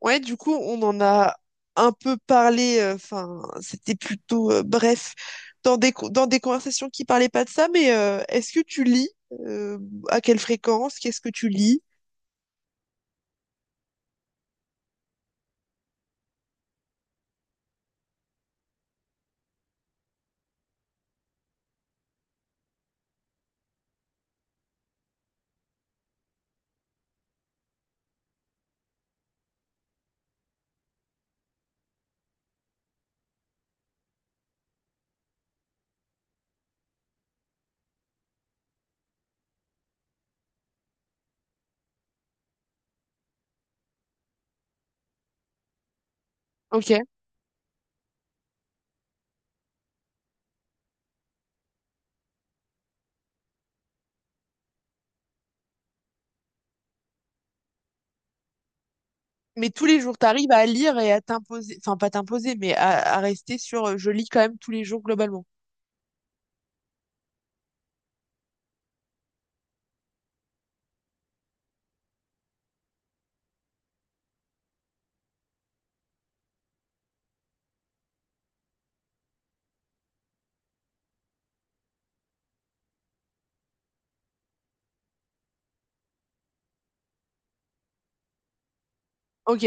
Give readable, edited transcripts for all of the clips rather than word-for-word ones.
Ouais, du coup, on en a un peu parlé, enfin, c'était plutôt bref, dans dans des conversations qui parlaient pas de ça, mais est-ce que tu lis? Euh, à quelle fréquence? Qu'est-ce que tu lis? Ok. Mais tous les jours, t'arrives à lire et à t'imposer, enfin, pas t'imposer, mais à rester sur je lis quand même tous les jours globalement. Ok,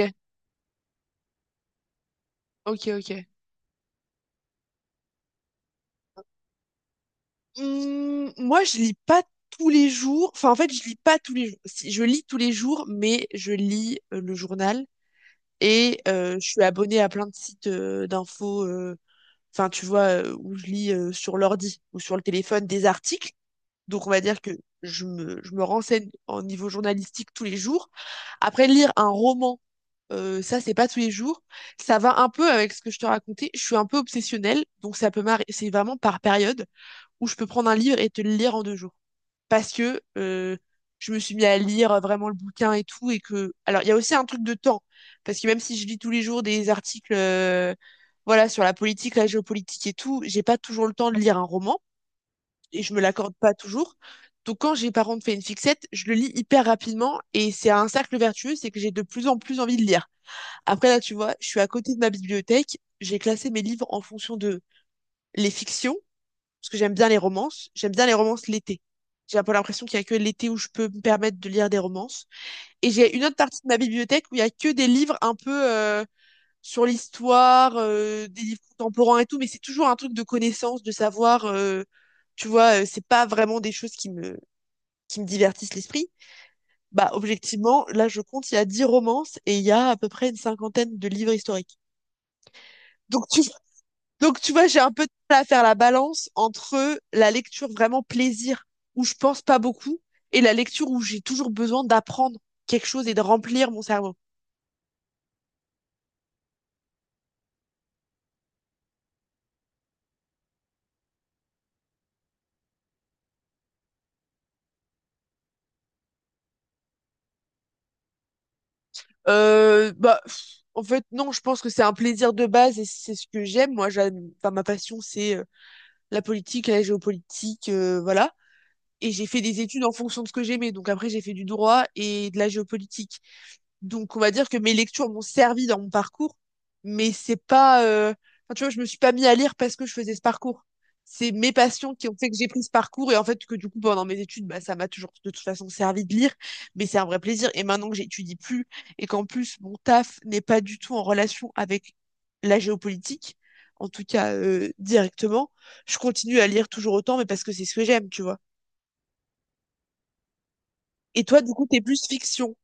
ok, ok. Moi, je lis pas tous les jours. Enfin, en fait, je lis pas tous les jours. Si, je lis tous les jours, mais je lis le journal. Et je suis abonnée à plein de sites d'infos, enfin, tu vois, où je lis sur l'ordi ou sur le téléphone des articles. Donc, on va dire que je me renseigne en niveau journalistique tous les jours. Après, lire un roman, ça, c'est pas tous les jours. Ça va un peu avec ce que je te racontais. Je suis un peu obsessionnelle, donc ça peut m'arriver. C'est vraiment par période où je peux prendre un livre et te le lire en 2 jours parce que je me suis mis à lire vraiment le bouquin et tout et que alors il y a aussi un truc de temps parce que même si je lis tous les jours des articles voilà sur la politique, la géopolitique et tout, j'ai pas toujours le temps de lire un roman et je me l'accorde pas toujours. Donc quand j'ai par contre fait une fixette, je le lis hyper rapidement et c'est un cercle vertueux, c'est que j'ai de plus en plus envie de lire. Après là, tu vois, je suis à côté de ma bibliothèque, j'ai classé mes livres en fonction de les fictions parce que j'aime bien les romances. J'aime bien les romances l'été. J'ai un peu l'impression qu'il y a que l'été où je peux me permettre de lire des romances. Et j'ai une autre partie de ma bibliothèque où il y a que des livres un peu sur l'histoire, des livres contemporains et tout, mais c'est toujours un truc de connaissance, de savoir. Tu vois, c'est pas vraiment des choses qui me divertissent l'esprit. Bah, objectivement, là, je compte, il y a 10 romances et il y a à peu près une cinquantaine de livres historiques. Donc, tu Donc, tu vois, j'ai un peu de mal à faire la balance entre la lecture vraiment plaisir, où je pense pas beaucoup, et la lecture où j'ai toujours besoin d'apprendre quelque chose et de remplir mon cerveau. Euh, bah, pff, En fait, non, je pense que c'est un plaisir de base et c'est ce que j'aime. Moi, j'aime, enfin, ma passion, c'est la politique, la géopolitique, voilà. Et j'ai fait des études en fonction de ce que j'aimais. Donc après, j'ai fait du droit et de la géopolitique. Donc, on va dire que mes lectures m'ont servi dans mon parcours, mais c'est pas, enfin, tu vois, je me suis pas mis à lire parce que je faisais ce parcours. C'est mes passions qui ont fait que j'ai pris ce parcours et en fait que du coup, pendant mes études, bah, ça m'a toujours de toute façon servi de lire, mais c'est un vrai plaisir. Et maintenant que j'étudie plus et qu'en plus, mon taf n'est pas du tout en relation avec la géopolitique, en tout cas, directement, je continue à lire toujours autant, mais parce que c'est ce que j'aime, tu vois. Et toi, du coup, t'es plus fiction.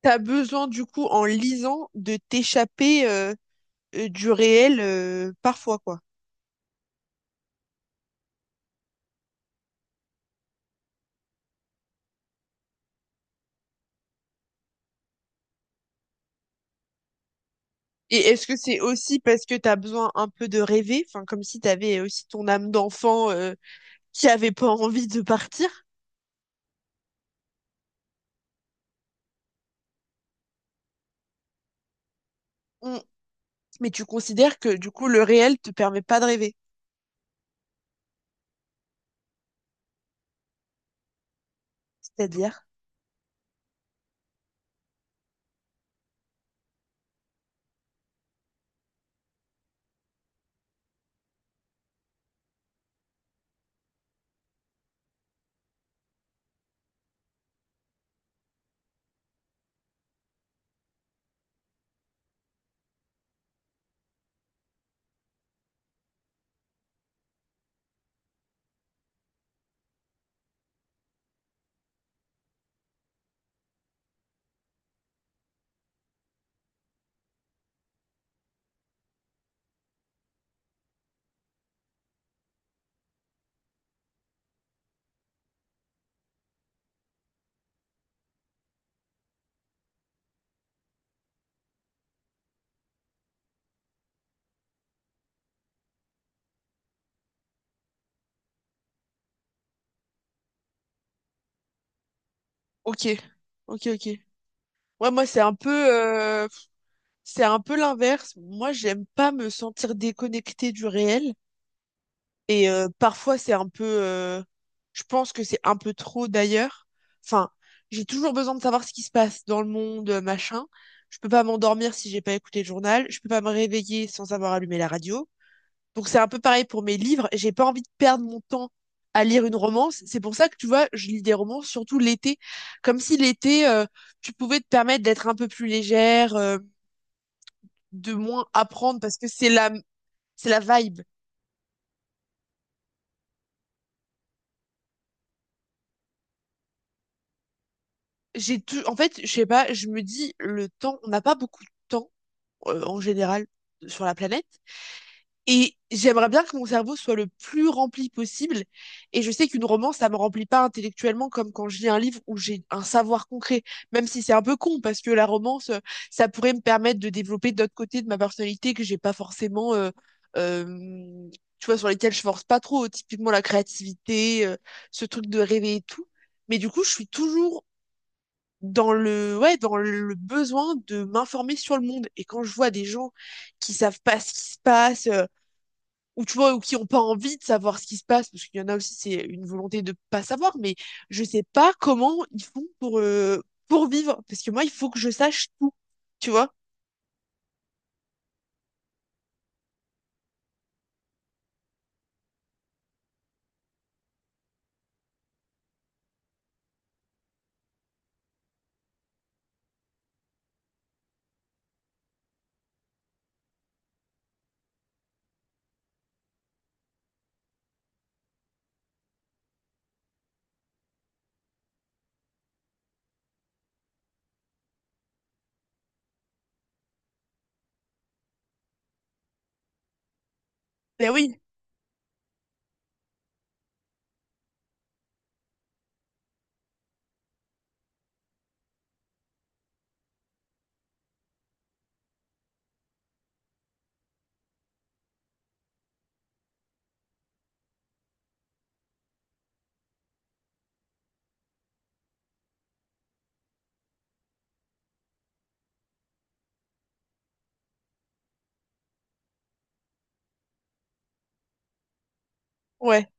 T'as besoin, du coup, en lisant, de t'échapper, du réel, parfois, quoi. Et est-ce que c'est aussi parce que t'as besoin un peu de rêver? Enfin, comme si t'avais aussi ton âme d'enfant, qui avait pas envie de partir? Mmh, mais tu considères que, du coup, le réel te permet pas de rêver? C'est-à-dire? OK. OK, OK. Ouais, moi, c'est un peu l'inverse. Moi, j'aime pas me sentir déconnectée du réel. Et parfois, c'est un peu... je pense que c'est un peu trop d'ailleurs. Enfin, j'ai toujours besoin de savoir ce qui se passe dans le monde, machin. Je peux pas m'endormir si j'ai pas écouté le journal. Je peux pas me réveiller sans avoir allumé la radio. Donc c'est un peu pareil pour mes livres. J'ai pas envie de perdre mon temps à lire une romance. C'est pour ça que tu vois, je lis des romances surtout l'été. Comme si l'été, tu pouvais te permettre d'être un peu plus légère, de moins apprendre parce que c'est la vibe. J'ai tout, en fait, je sais pas, je me dis, le temps, on n'a pas beaucoup de temps, en général, sur la planète. Et j'aimerais bien que mon cerveau soit le plus rempli possible. Et je sais qu'une romance, ça me remplit pas intellectuellement comme quand je lis un livre où j'ai un savoir concret, même si c'est un peu con, parce que la romance, ça pourrait me permettre de développer d'autres côtés de ma personnalité que j'ai pas forcément, euh, tu vois, sur lesquels je force pas trop, typiquement la créativité, ce truc de rêver et tout. Mais du coup, je suis toujours ouais, dans le besoin de m'informer sur le monde. Et quand je vois des gens qui savent pas ce qui se passe, ou tu vois, ou qui ont pas envie de savoir ce qui se passe, parce qu'il y en a aussi, c'est une volonté de pas savoir, mais je sais pas comment ils font pour vivre. Parce que moi, il faut que je sache tout, tu vois? Ben oui, ouais,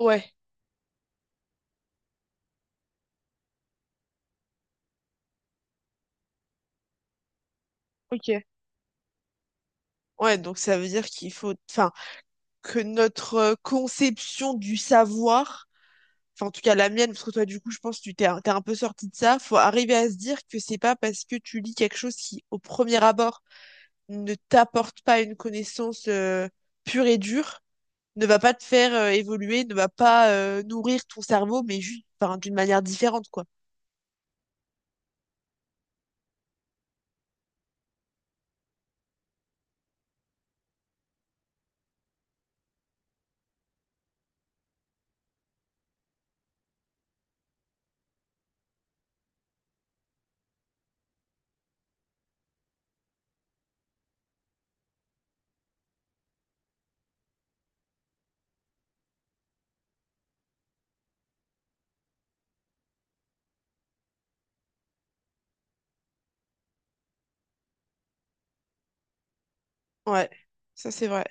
ouais, ok. Ouais, donc ça veut dire qu'il faut, enfin, que notre conception du savoir enfin en tout cas la mienne, parce que toi du coup je pense que tu t'es t'es un peu sorti de ça, faut arriver à se dire que c'est pas parce que tu lis quelque chose qui au premier abord ne t'apporte pas une connaissance pure et dure, ne va pas te faire évoluer, ne va pas nourrir ton cerveau, mais juste enfin, d'une manière différente quoi. Ouais, ça c'est vrai.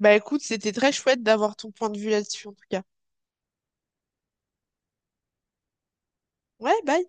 Bah écoute, c'était très chouette d'avoir ton point de vue là-dessus en tout cas. Ouais, bye.